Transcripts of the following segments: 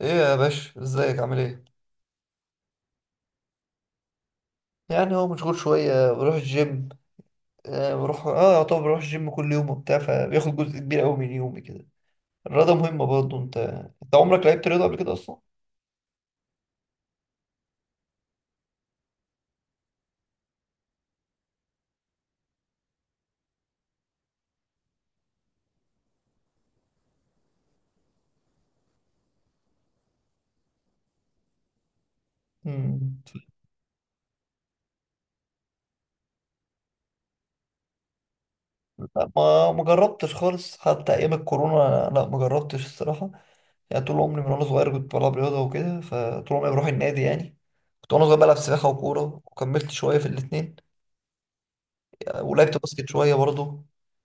ايه يا باشا ازيك عامل ايه؟ يعني هو مشغول شويه بروح الجيم. آه بروح، اه طبعا بروح الجيم كل يوم وبتاع، فبياخد جزء كبير قوي من يومي كده. الرياضه مهمه برضه. انت انت عمرك لعبت رياضه قبل كده اصلا؟ مم. لا، ما جربتش خالص حتى ايام الكورونا، لا ما جربتش الصراحه. يعني طول عمري من وانا صغير كنت بلعب رياضه وكده، فطول عمري بروح النادي يعني. كنت وانا صغير بلعب سباحه وكوره وكملت شويه في الاثنين. ولعبت باسكت شويه برضه.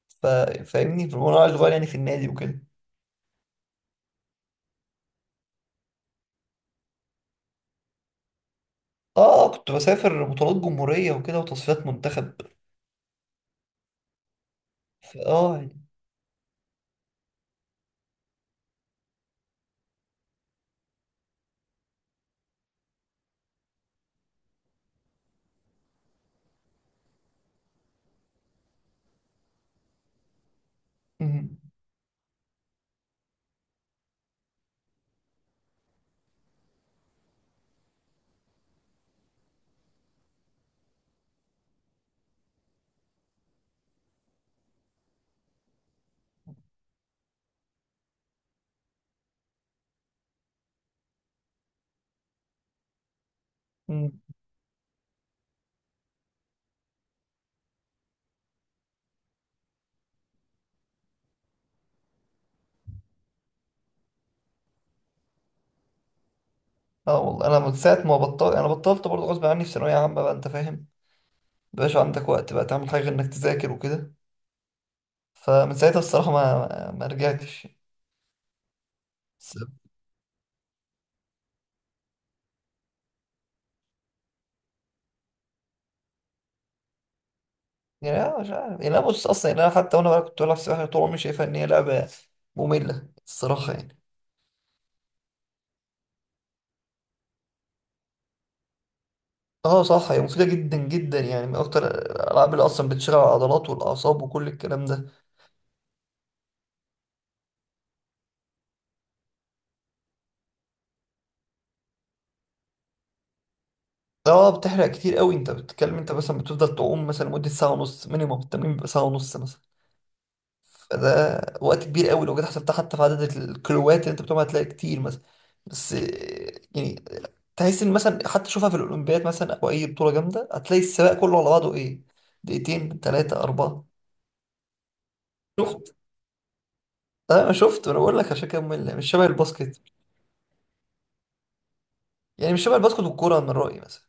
ف- فاهمني وانا صغير يعني في النادي وكده. اه كنت بسافر بطولات جمهورية وكده وتصفيات منتخب. يعني. مهم. مم. اه والله انا من ساعة ما بطلت، انا بطلت برضه غصب عني في ثانوية عامة بقى انت فاهم. مبقاش عندك وقت بقى تعمل حاجة غير انك تذاكر وكده. فمن ساعتها الصراحة ما رجعتش. بس- يعني انا مش عارف، يعني انا بص اصلا، يعني انا حتى وانا بقى كنت بلعب سباحة طول عمري شايفها ان هي لعبة مملة الصراحة يعني. اه صح، هي مفيدة جدا جدا، يعني من اكتر الالعاب اللي اصلا بتشغل العضلات والاعصاب وكل الكلام ده. اه بتحرق كتير قوي. انت بتتكلم انت مثلا بتفضل تعوم مثلا مدة ساعة ونص مينيموم، التمرين بيبقى ساعة ونص مثلا. فده وقت كبير قوي، لو جيت حسبتها حتى في عدد الكيلوات اللي انت بتقوم هتلاقي كتير مثلا. بس يعني تحس ان مثلا حتى شوفها في الاولمبياد مثلا او اي بطولة جامدة، هتلاقي السباق كله على بعضه ايه، دقيقتين ثلاثة أربعة. شفت؟ اه انا شفت، انا بقول لك عشان كده ممل، مش شبه الباسكت يعني. مش شبه الباسكت والكورة من رأيي مثلا.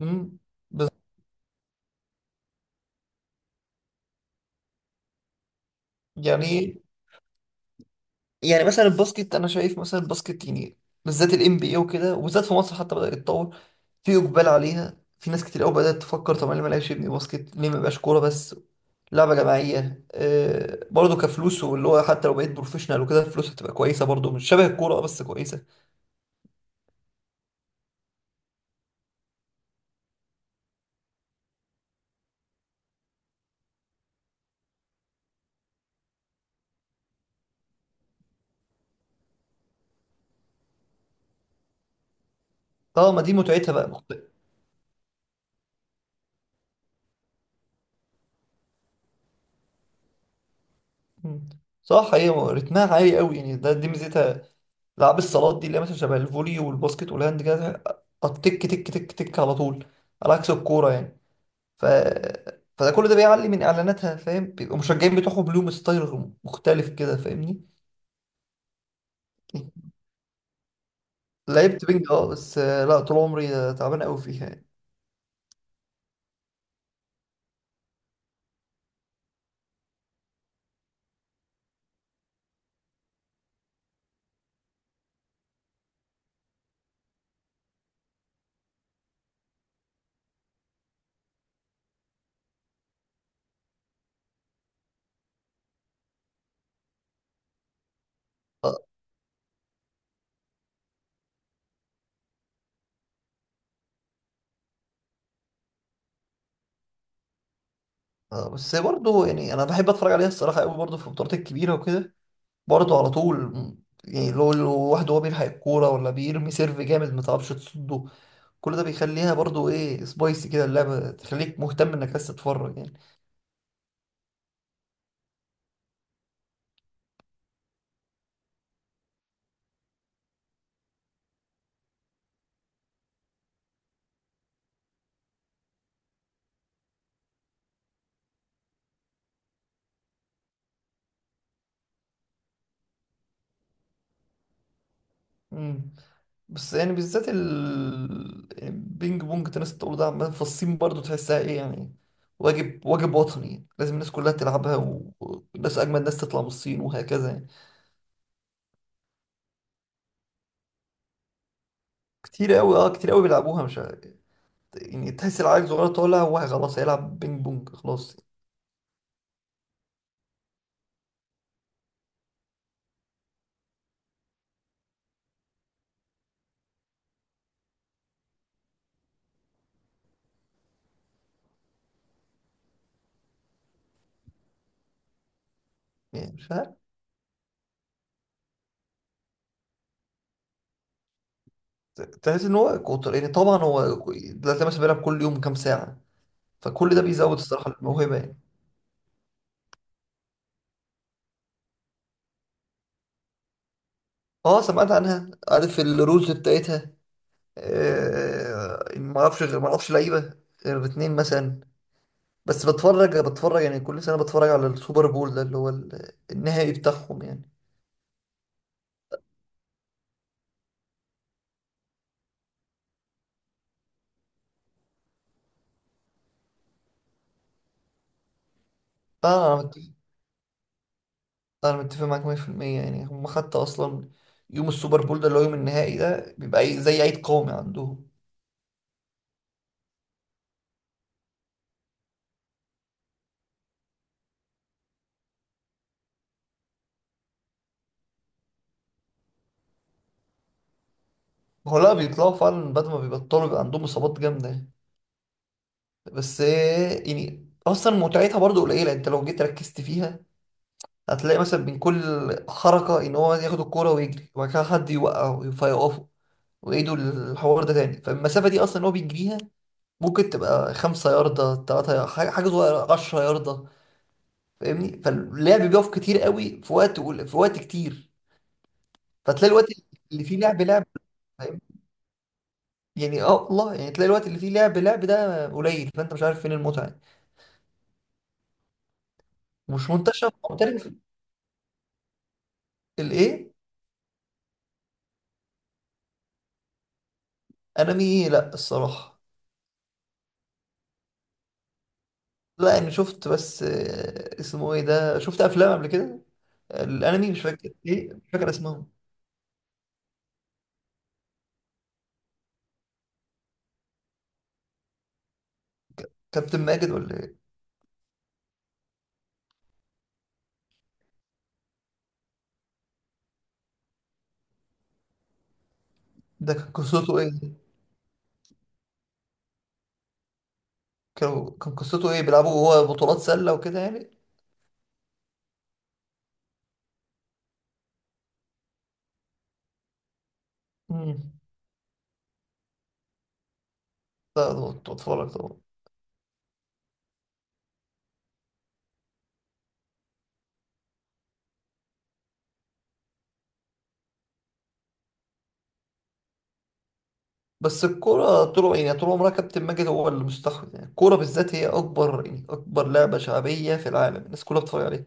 امم. بس- يعني، يعني مثلا الباسكت انا شايف مثلا الباسكت يعني، بالذات الام بي اي وكده، وبالذات في مصر حتى بدأ يتطور، في اقبال عليها، في ناس كتير قوي بدأت تفكر طب انا ليه ما لعبش ابني باسكت، ليه ما يبقاش كوره بس. لعبه جماعيه، آه برضه كفلوس، واللي هو حتى لو بقيت بروفيشنال وكده الفلوس هتبقى كويسه، برضه مش شبه الكوره، بس كويسه. اه ما دي متعتها بقى مختلف. صح، هي رتمها عالي قوي يعني، ده دي ميزتها. العاب الصالات دي اللي هي مثلا شبه الفولي والباسكت والهاند كده، التك تك تك تك على طول، على عكس الكوره يعني. ف فده كل ده بيعلي من اعلاناتها، فاهم، بيبقوا مشجعين بتوعهم لهم ستايل مختلف كده، فاهمني. لعبت بينج، اه بس لا طول عمري تعبان قوي فيها يعني. اه. بس برضه يعني انا بحب اتفرج عليها الصراحه قوي، برضه في البطولات الكبيره وكده، برضه على طول، يعني لو واحد هو بيلحق الكوره ولا بيرمي سيرف جامد ما تعرفش تصده، كل ده بيخليها برضه ايه، سبايسي كده، اللعبه تخليك مهتم انك بس تتفرج يعني. مم. بس يعني بالذات ال، يعني بينج بونج انت الناس بتقوله ده عمال في الصين، برضه تحسها ايه يعني، واجب واجب وطني لازم الناس كلها تلعبها، والناس اجمل ناس تطلع من الصين وهكذا يعني. كتير قوي، اه كتير قوي بيلعبوها مش عارف. يعني تحس العيل صغير طالع هو خلاص هيلعب بينج بونج خلاص. يعني مش عارف. تحس ان هو كتر، يعني طبعا هو دلوقتي مثلا بيلعب كل يوم كام ساعة، فكل ده بيزود الصراحة الموهبة يعني. اه سمعت عنها، عارف الرولز بتاعتها، ما اعرفش غير، ما اعرفش لعيبه غير اتنين مثلا. بس بتفرج بتفرج، يعني كل سنه بتفرج على السوبر بول ده اللي هو النهائي بتاعهم يعني. اه انا متفق، انا متفق معاك 100% يعني، هم حتى اصلا يوم السوبر بول ده اللي هو يوم النهائي ده بيبقى زي عيد قومي عندهم. هو لا بيطلعوا فعلا، بعد ما بيبطلوا بيبقى عندهم اصابات جامده. بس يعني اصلا متعتها برضو قليله انت لو جيت ركزت فيها. هتلاقي مثلا من كل حركة، إن هو ياخد الكورة ويجري وبعد كده حد يوقعه فيقفه، ويعيدوا الحوار ده تاني، فالمسافة دي أصلا هو بيجريها ممكن تبقى 5 ياردة، تلاتة، حاجة حاجة صغيرة، 10 ياردة، فاهمني، فاللعب بيقف كتير قوي في وقت، في وقت كتير. فتلاقي الوقت اللي فيه لعب لعب، فاهم؟ يعني اه والله، يعني تلاقي الوقت اللي فيه لعب لعب ده قليل، فانت مش عارف فين المتعة. مش منتشر محترف الايه. انمي إيه؟ لا الصراحة. لا يعني شفت، بس اسمه ايه ده، شفت افلام قبل كده، الانمي مش فاكر ايه، مش فاكر اسمهم. كابتن ماجد ولا ايه؟ ده كان قصته ايه ده؟ كانوا، كان قصته ايه، بيلعبوا هو بطولات سله وكده يعني. امم. لا ده كنت بتفرج طبعا. بس الكوره طول، يعني طول عمرها كابتن ماجد هو اللي مستحوذ، يعني الكوره بالذات هي اكبر، يعني اكبر لعبه شعبيه في العالم، الناس كلها بتتفرج عليها.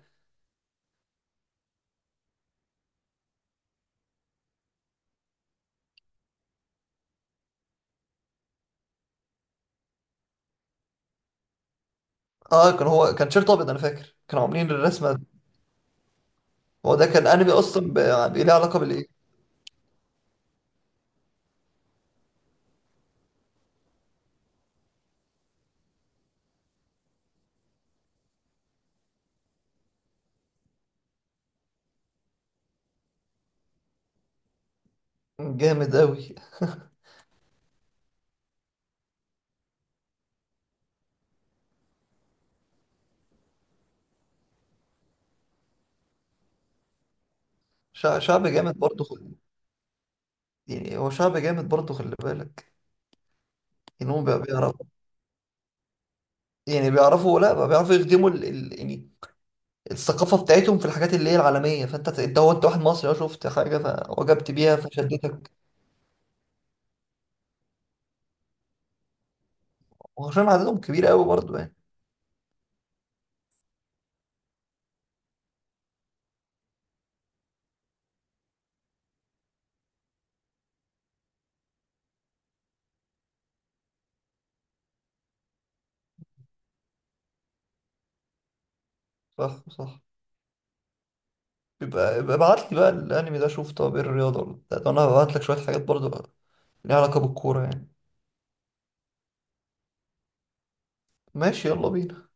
اه كان هو كان شيرت ابيض، انا فاكر كانوا عاملين الرسمه دي. هو ده كان انمي اصلا، يعني ليه علاقه بالايه. جامد قوي. شعب جامد برضه خل... يعني هو شعب جامد برضه خلي بالك، ان هم بيعرفوا، يعني بيعرفوا، لا بقى بيعرفوا يخدموا ال، ال، يعني الثقافة بتاعتهم في الحاجات اللي هي العالمية، فانت انت هو، انت واحد مصري اه، شفت حاجة فوجبت بيها فشدتك. وعشان عددهم كبير قوي برضه يعني. صح صح. يبقى ابعت لي بقى الانمي ده، شوف طب ايه، الرياضة ولا بتاع. ده انا هبعت لك شوية حاجات برضه ليها علاقة بالكورة يعني. ماشي يلا بينا.